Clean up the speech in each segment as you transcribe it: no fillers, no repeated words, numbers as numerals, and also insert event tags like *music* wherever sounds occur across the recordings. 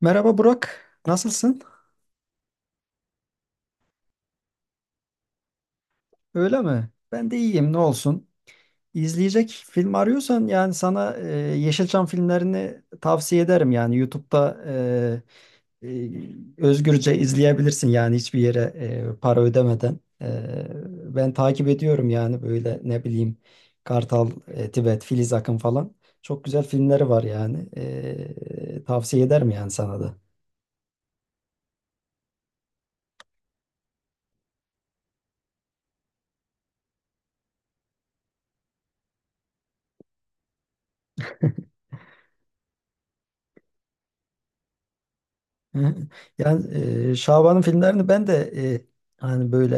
Merhaba Burak, nasılsın? Öyle mi? Ben de iyiyim, ne olsun. İzleyecek film arıyorsan yani sana Yeşilçam filmlerini tavsiye ederim. Yani YouTube'da e, e, özgürce izleyebilirsin yani hiçbir yere para ödemeden. Ben takip ediyorum yani böyle ne bileyim Kartal, Tibet, Filiz Akın falan. Çok güzel filmleri var yani. Tavsiye ederim yani sana da. Hı. Yani Şaban'ın filmlerini ben de e, hani böyle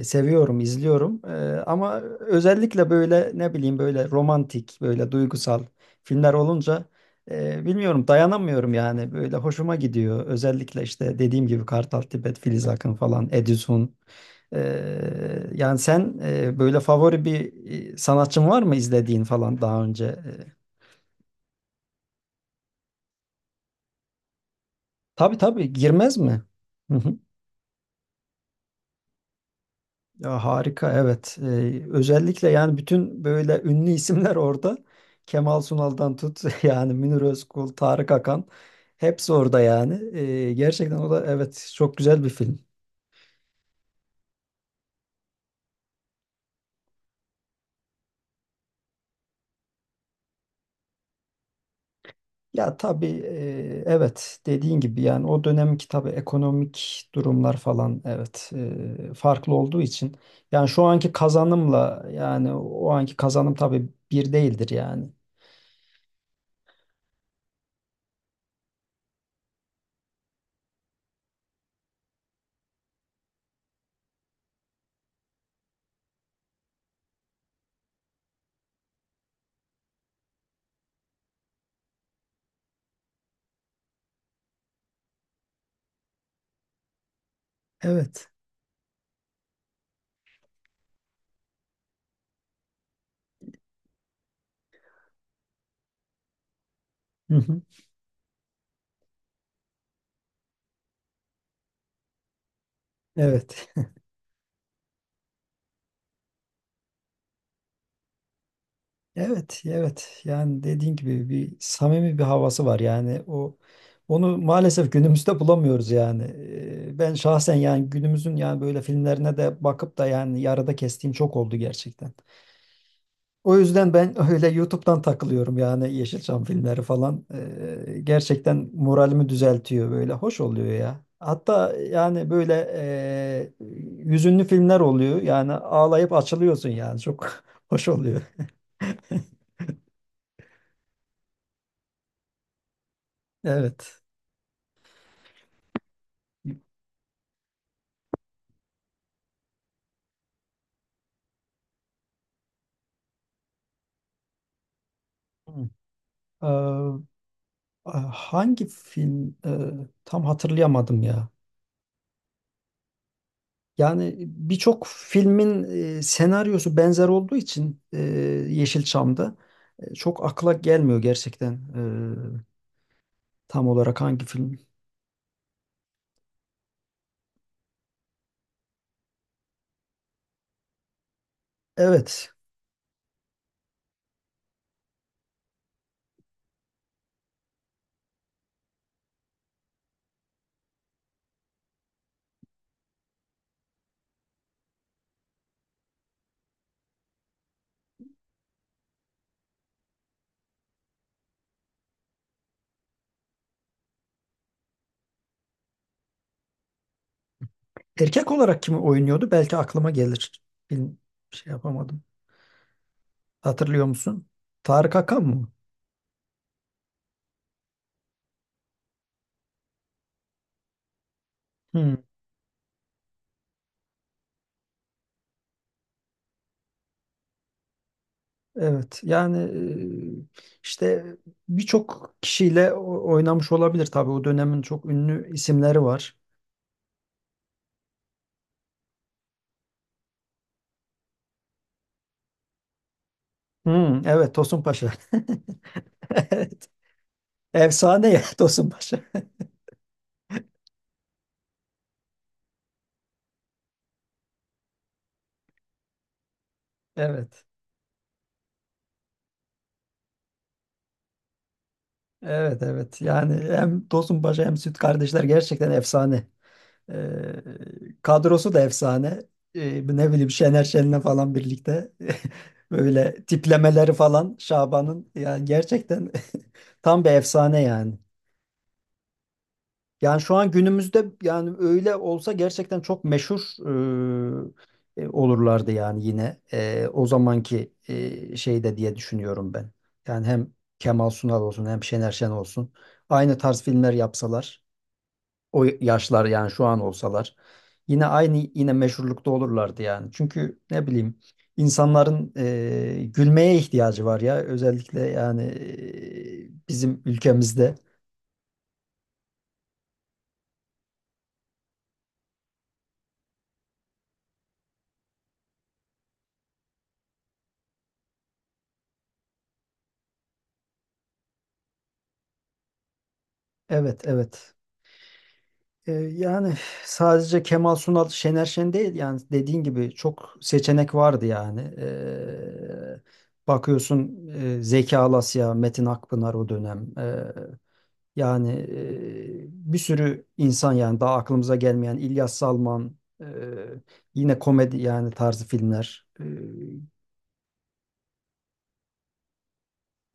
seviyorum, izliyorum. Ama özellikle böyle ne bileyim böyle romantik, böyle duygusal filmler olunca bilmiyorum dayanamıyorum yani. Böyle hoşuma gidiyor. Özellikle işte dediğim gibi Kartal Tibet, Filiz Akın falan, Edison. E, Yani sen böyle favori bir sanatçın var mı izlediğin falan daha önce? Tabii tabii girmez mi? *laughs* Ya harika evet. Özellikle yani bütün böyle ünlü *laughs* isimler orada. Kemal Sunal'dan tut *laughs* yani Münir Özkul, Tarık Akan hepsi orada yani. Gerçekten o da evet çok güzel bir film. Ya tabii evet dediğin gibi yani o dönemki tabii ekonomik durumlar falan evet farklı olduğu için yani şu anki kazanımla yani o anki kazanım tabii bir değildir yani. Evet. Hı hı. Evet. Evet, evet. Yani dediğin gibi bir samimi bir havası var. Yani o onu maalesef günümüzde bulamıyoruz yani. Ben şahsen yani günümüzün yani böyle filmlerine de bakıp da yani yarıda kestiğim çok oldu gerçekten. O yüzden ben *laughs* öyle YouTube'dan takılıyorum yani Yeşilçam filmleri falan. Gerçekten moralimi düzeltiyor böyle. Hoş oluyor ya. Hatta yani böyle hüzünlü filmler oluyor. Yani ağlayıp açılıyorsun yani. Çok *laughs* hoş oluyor. Evet. Ee, Hangi film tam hatırlayamadım ya. Yani birçok filmin senaryosu benzer olduğu için Yeşilçam'da çok akla gelmiyor gerçekten e, tam olarak hangi film. Evet. Erkek olarak kimi oynuyordu? Belki aklıma gelir. Film şey yapamadım. Hatırlıyor musun? Tarık Akan mı? Hmm. Evet yani işte birçok kişiyle oynamış olabilir tabii o dönemin çok ünlü isimleri var. Hmm, evet Tosun Paşa. *laughs* Evet. Efsane ya *laughs* Tosun Paşa. Evet. Evet evet yani hem Tosun Paşa hem Süt Kardeşler gerçekten efsane. Kadrosu da efsane. Ne bileyim Şener Şen'le falan birlikte *laughs* böyle tiplemeleri falan Şaban'ın yani gerçekten *laughs* tam bir efsane yani. Yani şu an günümüzde yani öyle olsa gerçekten çok meşhur olurlardı yani yine o zamanki şeyde diye düşünüyorum ben. Yani hem Kemal Sunal olsun hem Şener Şen olsun aynı tarz filmler yapsalar o yaşlar yani şu an olsalar yine aynı yine meşhurlukta olurlardı yani. Çünkü ne bileyim insanların gülmeye ihtiyacı var ya özellikle yani bizim ülkemizde. Evet evet. Yani sadece Kemal Sunal, Şener Şen değil yani dediğin gibi çok seçenek vardı yani. Bakıyorsun Zeki Alasya, Metin Akpınar o dönem. Yani bir sürü insan yani daha aklımıza gelmeyen İlyas Salman, yine komedi yani tarzı filmler.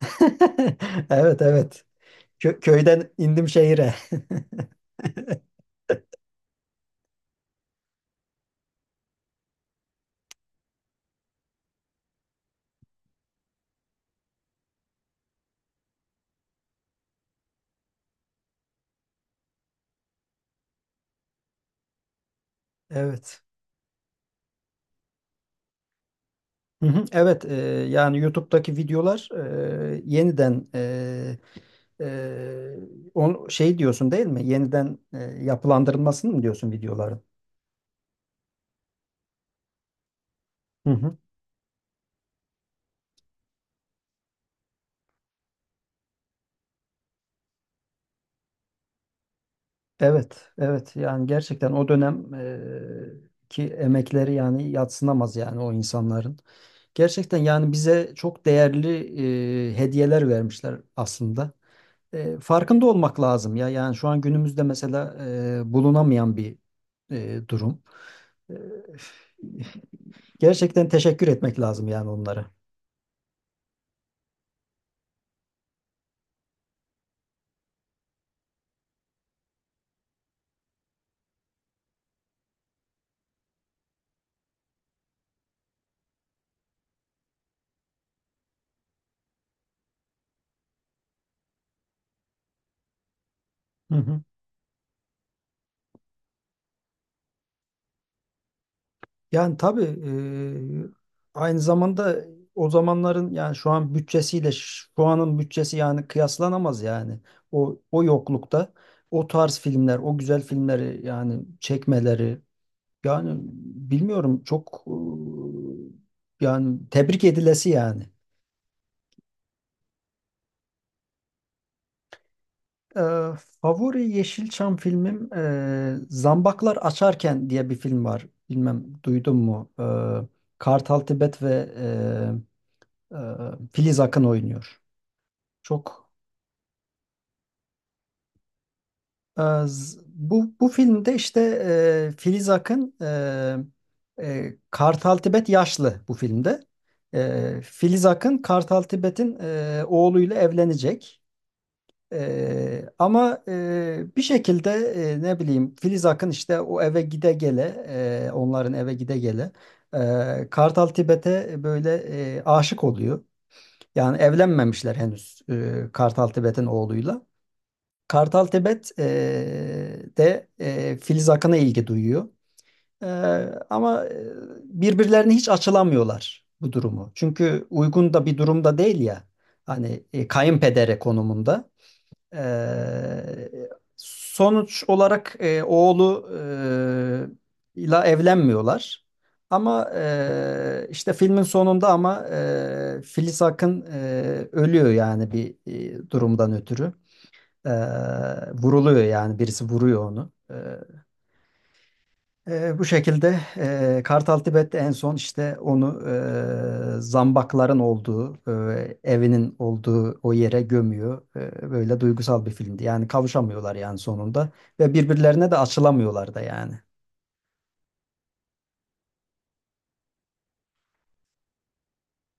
*laughs* Evet evet. Köyden indim şehire. *laughs* Evet. Hı hı, evet, yani YouTube'daki videolar yeniden e, şey diyorsun değil mi? Yeniden yapılandırılmasını mı diyorsun videoların? Hı hı. Evet, evet. Yani gerçekten o dönem ki emekleri yani yadsınamaz yani o insanların. Gerçekten yani bize çok değerli hediyeler vermişler aslında. Farkında olmak lazım ya. Yani şu an günümüzde mesela bulunamayan bir durum. Ee, Gerçekten teşekkür etmek lazım yani onlara. Hı hı. Yani tabii aynı zamanda o zamanların yani şu an bütçesiyle şu anın bütçesi yani kıyaslanamaz yani. O yoklukta o tarz filmler, o güzel filmleri yani çekmeleri, yani bilmiyorum çok yani tebrik edilesi yani. Ee, Favori Yeşilçam filmim Zambaklar Açarken diye bir film var. Bilmem duydun mu? Kartal Tibet ve e, e, Filiz Akın oynuyor. Çok bu filmde işte Filiz Akın Kartal Tibet yaşlı bu filmde. Filiz Akın Kartal Tibet'in oğluyla evlenecek. Ama bir şekilde ne bileyim Filiz Akın işte o eve gide gele onların eve gide gele Kartal Tibet'e böyle aşık oluyor. Yani evlenmemişler henüz Kartal Tibet'in oğluyla. Kartal Tibet de Filiz Akın'a ilgi duyuyor. E, Ama birbirlerine hiç açılamıyorlar bu durumu. Çünkü uygun da bir durumda değil ya. Hani kayınpedere konumunda. Ee, Sonuç olarak oğlu ile evlenmiyorlar. Ama işte filmin sonunda ama Filiz Akın ölüyor yani bir durumdan ötürü. E, Vuruluyor yani birisi vuruyor onu. Bu şekilde Kartal Tibet en son işte onu zambakların olduğu, evinin olduğu o yere gömüyor. Böyle duygusal bir filmdi. Yani kavuşamıyorlar yani sonunda ve birbirlerine de açılamıyorlar da yani.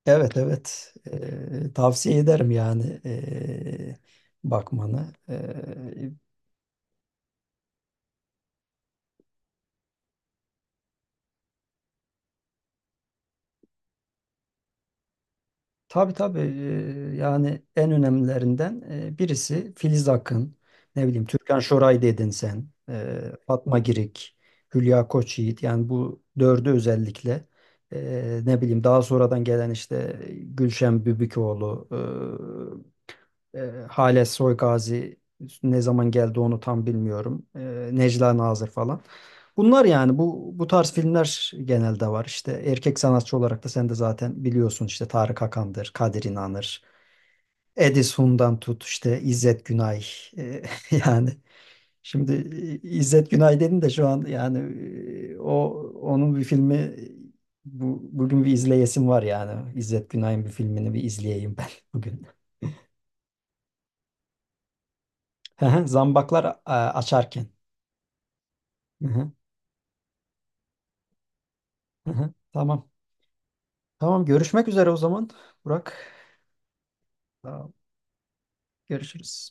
Evet evet. Tavsiye ederim yani bakmanı. Tabii tabii yani en önemlilerinden birisi Filiz Akın, ne bileyim Türkan Şoray dedin sen, Fatma Girik, Hülya Koçyiğit yani bu dördü özellikle ne bileyim daha sonradan gelen işte Gülşen Bübükoğlu e, Hale Soygazi ne zaman geldi onu tam bilmiyorum. Necla Nazır falan. Bunlar yani bu tarz filmler genelde var. İşte erkek sanatçı olarak da sen de zaten biliyorsun işte Tarık Akan'dır, Kadir İnanır, Edison'dan tut işte İzzet Günay. E, *laughs* Yani şimdi İzzet Günay dedin de şu an yani o onun bir filmi bu, bugün bir izleyesim var yani. İzzet Günay'ın bir filmini bir izleyeyim ben *laughs* bugün. Hı hı, Zambaklar açarken. Hı hı, hı hı. Tamam. Tamam görüşmek üzere o zaman Burak. Tamam, görüşürüz.